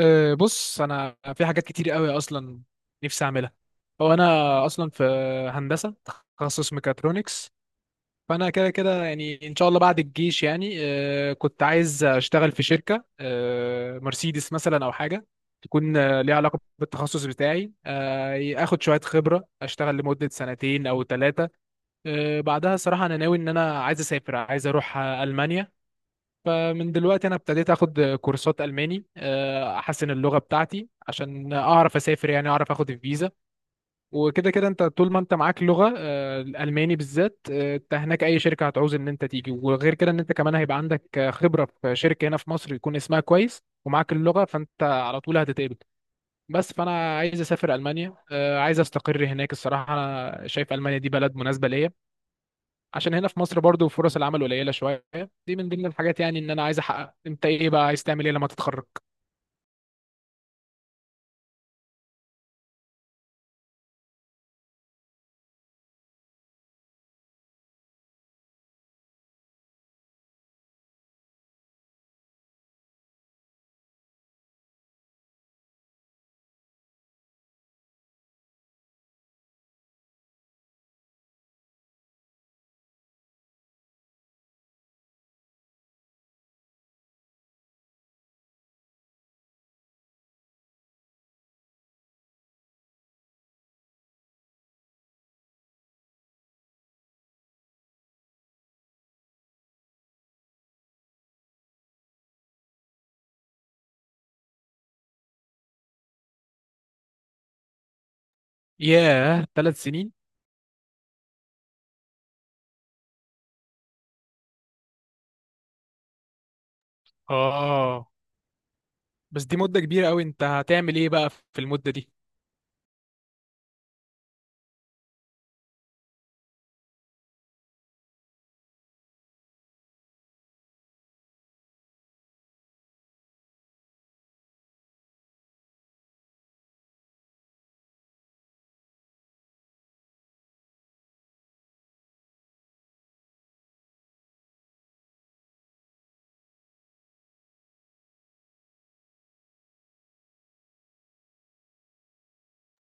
بص انا في حاجات كتير قوي اصلا نفسي اعملها. هو انا اصلا في هندسه، تخصص ميكاترونكس. فانا كده كده يعني ان شاء الله بعد الجيش يعني كنت عايز اشتغل في شركه مرسيدس مثلا او حاجه تكون ليها علاقه بالتخصص بتاعي، اخد شويه خبره اشتغل لمده 2 سنين او ثلاثه. بعدها صراحه انا ناوي ان انا عايز اسافر، عايز اروح المانيا. فمن دلوقتي انا ابتديت اخد كورسات الماني، احسن اللغه بتاعتي عشان اعرف اسافر، يعني اعرف اخد الفيزا. وكده كده انت طول ما انت معاك لغه الالماني بالذات، انت هناك اي شركه هتعوز ان انت تيجي، وغير كده ان انت كمان هيبقى عندك خبره في شركه هنا في مصر يكون اسمها كويس ومعاك اللغه، فانت على طول هتتقبل. بس فانا عايز اسافر المانيا، عايز استقر هناك. الصراحه انا شايف المانيا دي بلد مناسبه ليا، عشان هنا في مصر برضو فرص العمل قليله شويه. دي من ضمن الحاجات يعني ان انا عايز احقق. انت ايه بقى عايز تعمل ايه لما تتخرج؟ ياه، 3 سنين؟ اه. بس دي مده كبيره قوي، انت هتعمل ايه بقى في المده دي؟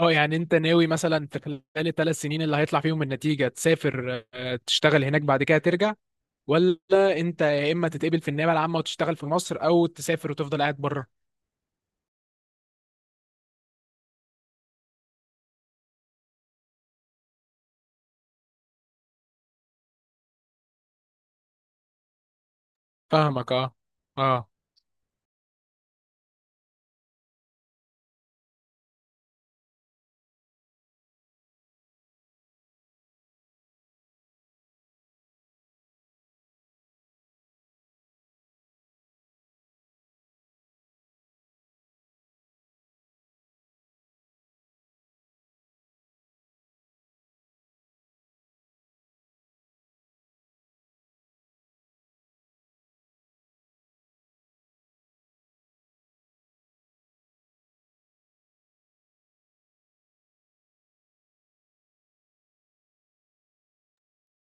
اه، يعني انت ناوي مثلا في خلال ال3 سنين اللي هيطلع فيهم النتيجه تسافر، تشتغل هناك بعد كده ترجع؟ ولا انت يا اما تتقبل في النيابه العامه وتشتغل في مصر، او تسافر وتفضل قاعد بره؟ فاهمك. اه اه.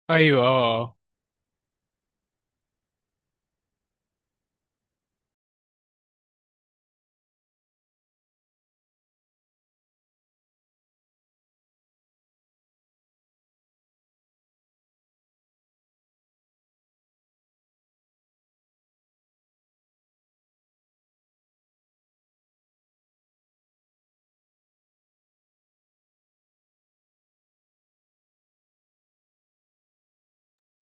ايوه اه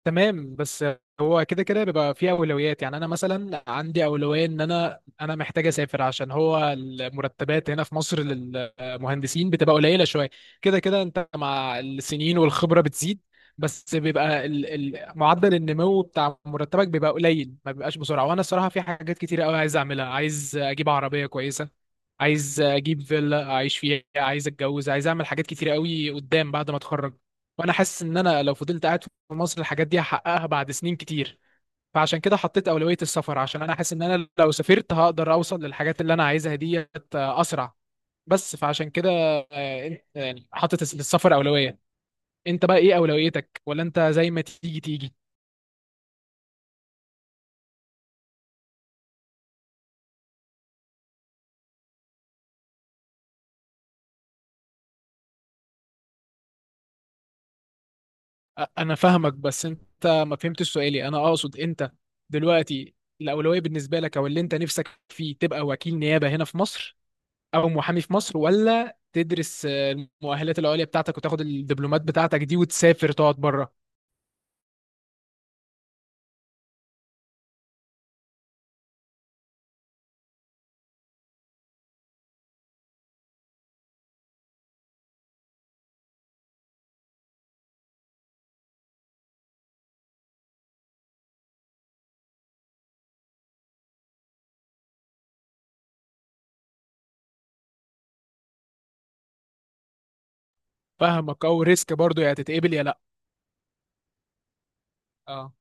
تمام. بس هو كده كده بيبقى في اولويات، يعني انا مثلا عندي اولويه ان انا محتاج اسافر، عشان هو المرتبات هنا في مصر للمهندسين بتبقى قليله شويه. كده كده انت مع السنين والخبره بتزيد، بس بيبقى معدل النمو بتاع مرتبك بيبقى قليل، ما بيبقاش بسرعه. وانا الصراحه في حاجات كتير قوي عايز اعملها، عايز اجيب عربيه كويسه، عايز اجيب فيلا اعيش فيها، عايز اتجوز، عايز اعمل حاجات كتير قوي قدام بعد ما اتخرج. وانا حاسس ان انا لو فضلت قاعد في مصر الحاجات دي هحققها بعد سنين كتير. فعشان كده حطيت اولوية السفر، عشان انا حاسس ان انا لو سافرت هقدر اوصل للحاجات اللي انا عايزها ديت اسرع. بس فعشان كده يعني حطيت السفر اولوية. انت بقى ايه اولويتك، ولا انت زي ما تيجي تيجي؟ انا فاهمك، بس انت ما فهمتش سؤالي. انا اقصد انت دلوقتي الاولويه بالنسبه لك، او اللي انت نفسك فيه، تبقى وكيل نيابه هنا في مصر او محامي في مصر، ولا تدرس المؤهلات العليا بتاعتك وتاخد الدبلومات بتاعتك دي وتسافر تقعد بره؟ فاهمك، او ريسك برضو، يا تتقبل يا لا. اه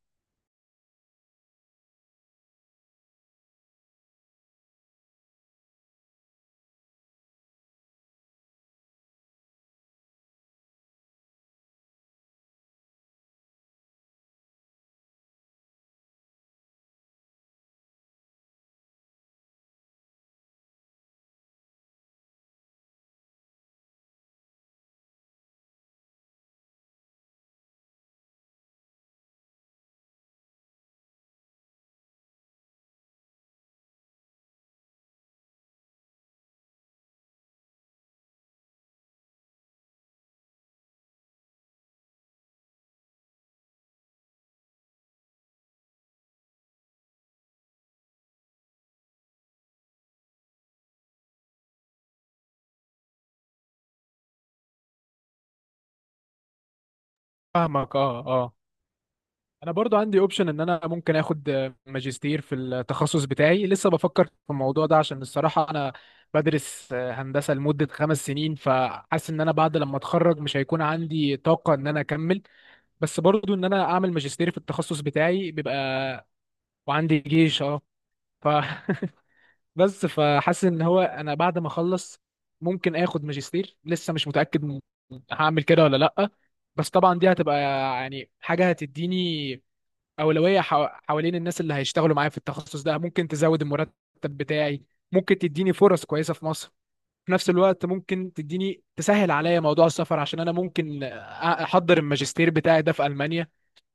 فاهمك. اه اه. انا برضو عندي اوبشن ان انا ممكن اخد ماجستير في التخصص بتاعي. لسه بفكر في الموضوع ده، عشان الصراحة انا بدرس هندسة لمدة 5 سنين، فحاسس ان انا بعد لما اتخرج مش هيكون عندي طاقة ان انا اكمل. بس برضو ان انا اعمل ماجستير في التخصص بتاعي بيبقى. وعندي جيش، اه. ف بس فحاسس ان هو انا بعد ما اخلص ممكن اخد ماجستير. لسه مش متأكد هعمل كده ولا لأ. بس طبعا دي هتبقى يعني حاجة هتديني اولويه حوالين الناس اللي هيشتغلوا معايا في التخصص ده، ممكن تزود المرتب بتاعي، ممكن تديني فرص كويسه في مصر، في نفس الوقت ممكن تديني تسهل عليا موضوع السفر، عشان انا ممكن احضر الماجستير بتاعي ده في المانيا.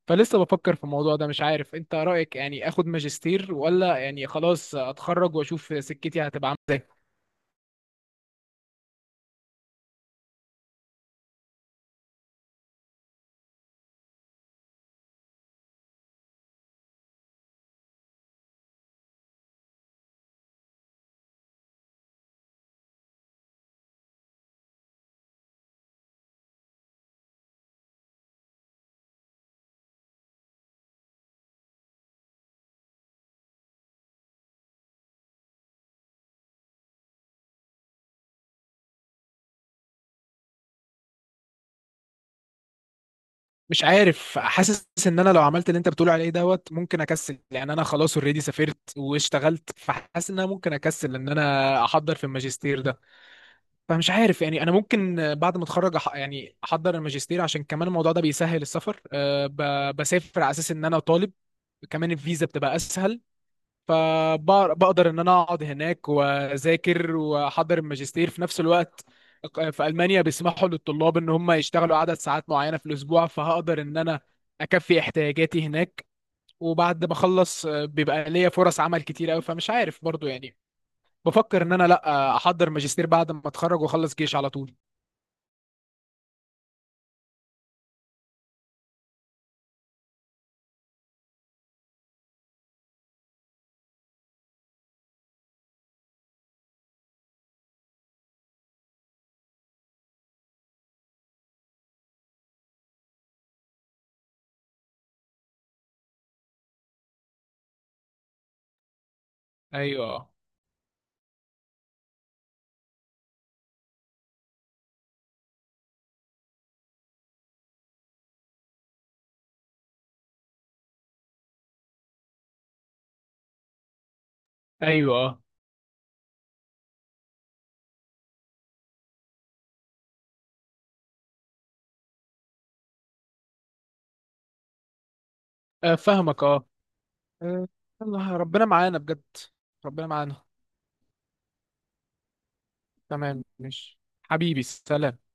فلسه بفكر في الموضوع ده، مش عارف انت رايك، يعني اخد ماجستير ولا يعني خلاص اتخرج واشوف سكتي هتبقى عامله ازاي. مش عارف، حاسس ان انا لو عملت اللي انت بتقول عليه دوت ممكن اكسل، يعني انا خلاص اوريدي سافرت واشتغلت، فحاسس ان انا ممكن اكسل ان انا احضر في الماجستير ده. فمش عارف يعني، انا ممكن بعد ما اتخرج يعني احضر الماجستير، عشان كمان الموضوع ده بيسهل السفر، بسافر على اساس ان انا طالب، كمان الفيزا بتبقى اسهل، فبقدر ان انا اقعد هناك واذاكر واحضر الماجستير في نفس الوقت. في المانيا بيسمحوا للطلاب ان هم يشتغلوا عدد ساعات معينه في الاسبوع، فهقدر ان انا اكفي احتياجاتي هناك. وبعد ما اخلص بيبقى ليا فرص عمل كتير قوي. فمش عارف برضو يعني، بفكر ان انا لا احضر ماجستير بعد ما اتخرج واخلص جيش على طول. ايوه ايوه، فاهمك. اه آه، يلا ربنا معانا بجد. ربنا معانا. تمام، مش حبيبي، سلام.